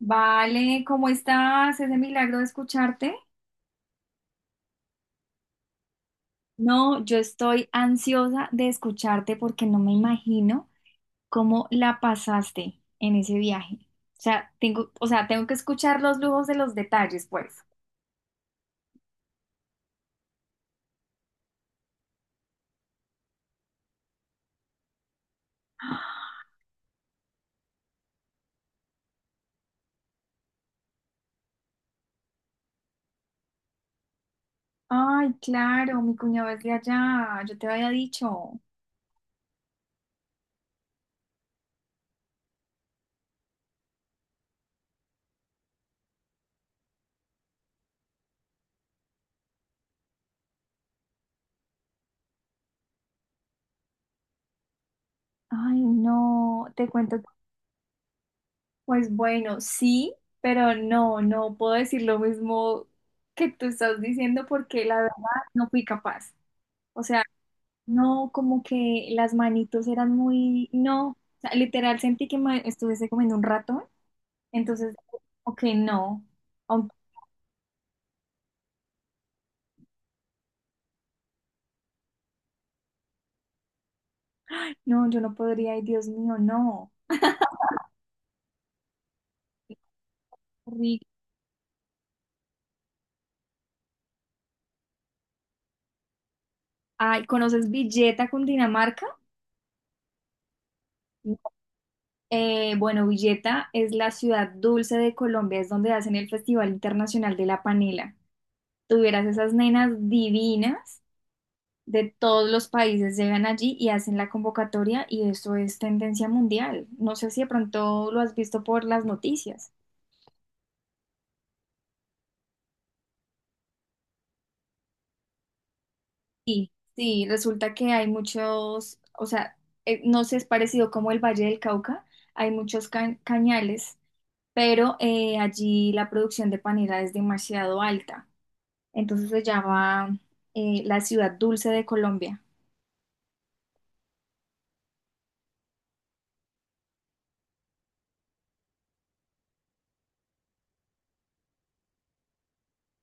Vale, ¿cómo estás? Ese milagro de escucharte. No, yo estoy ansiosa de escucharte porque no me imagino cómo la pasaste en ese viaje. O sea, tengo que escuchar los lujos de los detalles, pues. Ay, claro, mi cuñado es de allá, yo te había dicho. Ay, no, te cuento. Pues bueno, sí, pero no, no puedo decir lo mismo que tú estás diciendo porque la verdad no fui capaz. O sea, no, como que las manitos eran muy, no, o sea, literal sentí que me estuviese comiendo un ratón, entonces, ok, no, Aun- no, yo no podría, ay, Dios mío, no, horrible. Ay, ¿conoces Villeta, Cundinamarca? No. Bueno, Villeta es la ciudad dulce de Colombia, es donde hacen el Festival Internacional de la Panela. Tuvieras esas nenas divinas, de todos los países llegan allí y hacen la convocatoria y eso es tendencia mundial. No sé si de pronto lo has visto por las noticias. Sí, sí, resulta que hay muchos, o sea, no sé, es parecido como el Valle del Cauca, hay muchos cañales, pero allí la producción de panela es demasiado alta. Entonces se llama la ciudad dulce de Colombia.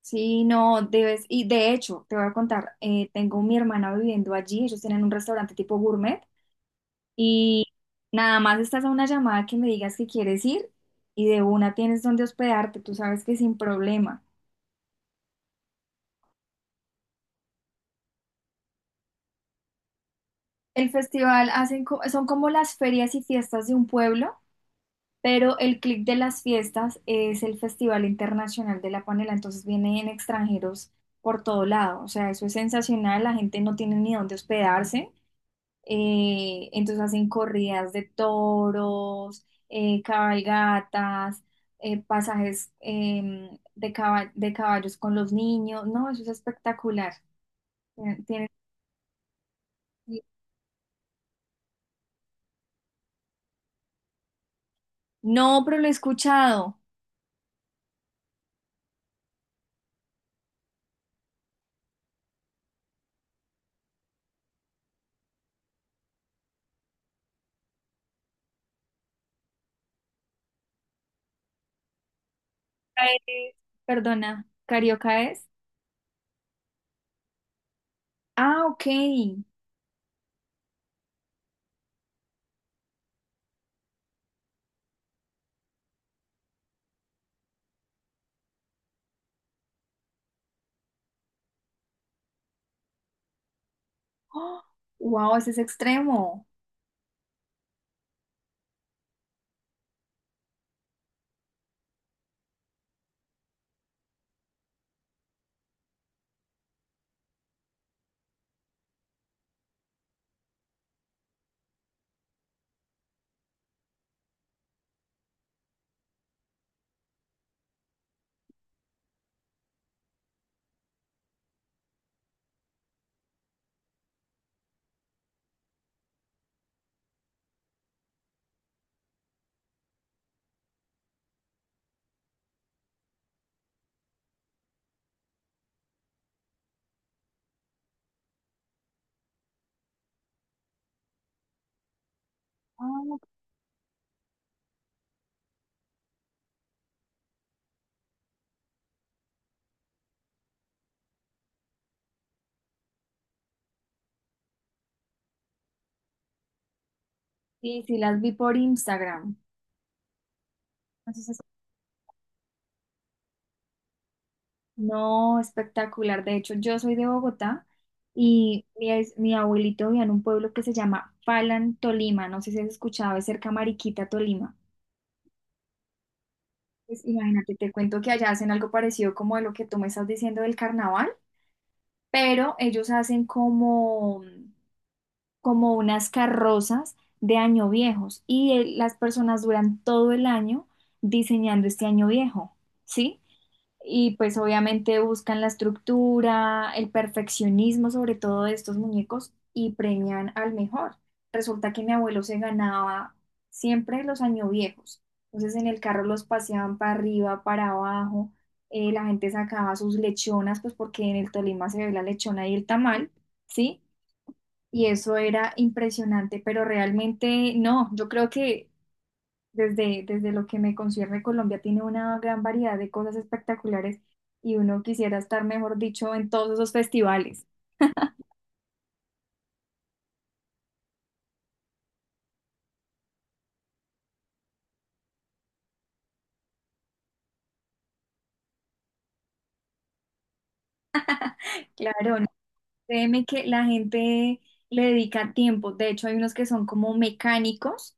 Sí, no, debes, y de hecho, te voy a contar, tengo mi hermana viviendo allí, ellos tienen un restaurante tipo gourmet y nada más estás a una llamada que me digas que quieres ir y de una tienes donde hospedarte, tú sabes que sin problema. El festival hacen son como las ferias y fiestas de un pueblo, pero el clic de las fiestas es el Festival Internacional de la Panela, entonces vienen extranjeros por todo lado, o sea, eso es sensacional, la gente no tiene ni dónde hospedarse. Entonces hacen corridas de toros, cabalgatas, pasajes de, de caballos con los niños. No, eso es espectacular. Tiene- tiene- No, pero lo he escuchado. Eh, Perdona, ¿carioca es? Ah, ok. Wow, ese es extremo. Ah, sí, sí, las vi por Instagram. Entonces no, espectacular. De hecho, yo soy de Bogotá y mi abuelito vivía en un pueblo que se llama Falan, Tolima. No sé si has escuchado, es cerca a Mariquita, Tolima. Pues imagínate, te cuento que allá hacen algo parecido como de lo que tú me estás diciendo del carnaval, pero ellos hacen como, como unas carrozas de año viejos y las personas duran todo el año diseñando este año viejo, ¿sí? Y pues obviamente buscan la estructura, el perfeccionismo sobre todo de estos muñecos y premian al mejor. Resulta que mi abuelo se ganaba siempre los año viejos. Entonces en el carro los paseaban para arriba, para abajo. La gente sacaba sus lechonas, pues porque en el Tolima se ve la lechona y el tamal, ¿sí? Y eso era impresionante, pero realmente no, yo creo que desde lo que me concierne, Colombia tiene una gran variedad de cosas espectaculares y uno quisiera estar, mejor dicho, en todos esos festivales. Claro, no, créeme que la gente le dedica tiempo. De hecho, hay unos que son como mecánicos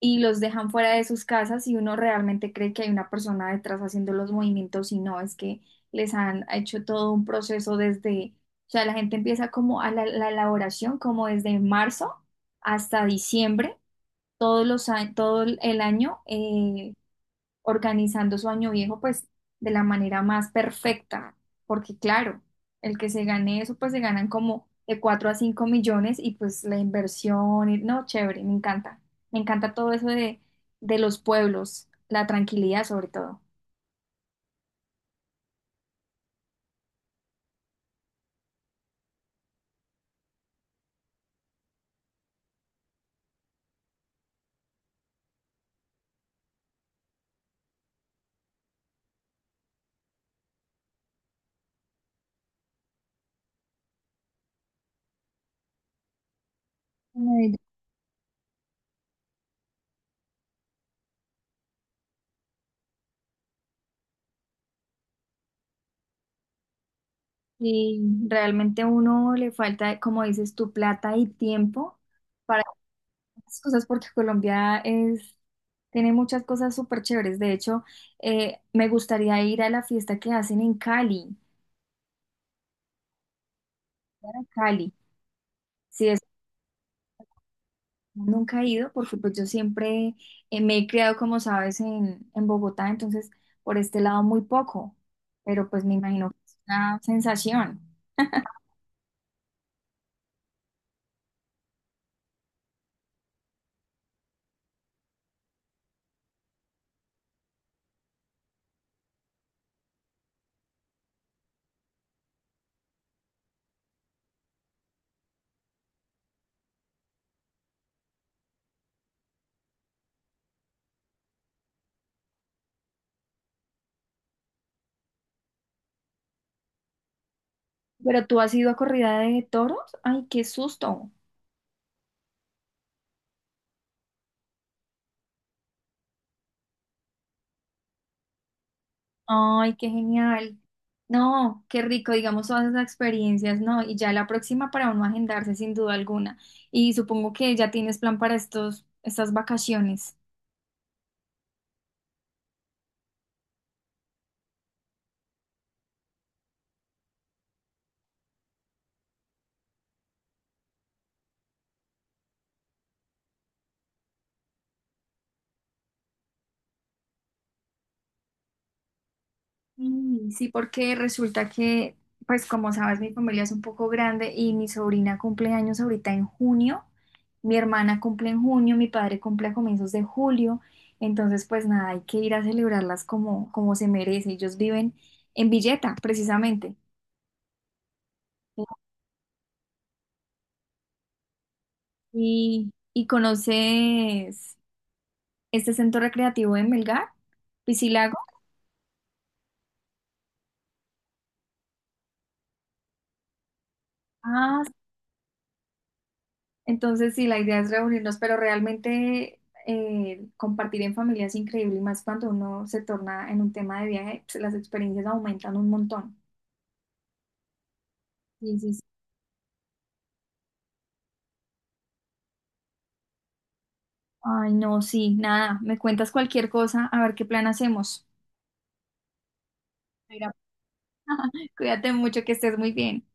y los dejan fuera de sus casas y uno realmente cree que hay una persona detrás haciendo los movimientos y no, es que les han hecho todo un proceso desde, o sea, la gente empieza como a la elaboración como desde marzo hasta diciembre todos todo el año organizando su año viejo, pues de la manera más perfecta, porque claro, el que se gane eso, pues se ganan como de 4 a 5 millones y pues la inversión, y- no, chévere, me encanta todo eso de los pueblos, la tranquilidad sobre todo. Ay, y realmente a uno le falta, como dices, tu plata y tiempo, para las cosas porque Colombia es, tiene muchas cosas súper chéveres. De hecho, me gustaría ir a la fiesta que hacen en Cali, Cali. Sí, es, nunca he ido porque pues yo siempre me he criado, como sabes, en Bogotá, entonces por este lado muy poco, pero pues me imagino que es una sensación. Pero tú has ido a corrida de toros, ay, qué susto. Ay, qué genial. No, qué rico, digamos, todas esas experiencias, ¿no? Y ya la próxima para uno agendarse sin duda alguna. Y supongo que ya tienes plan para estos, estas vacaciones. Mm, sí, porque resulta que, pues como sabes, mi familia es un poco grande y mi sobrina cumple años ahorita en junio, mi hermana cumple en junio, mi padre cumple a comienzos de julio, entonces pues nada, hay que ir a celebrarlas como, como se merece. Ellos viven en Villeta, precisamente. Y conoces este centro recreativo en Melgar? ¿Piscilago? Ah, entonces sí, la idea es reunirnos, pero realmente compartir en familia es increíble y más cuando uno se torna en un tema de viaje, pues, las experiencias aumentan un montón. Sí, sí, sí. Ay, no, sí, nada, me cuentas cualquier cosa, a ver qué plan hacemos. Mira, cuídate mucho, que estés muy bien.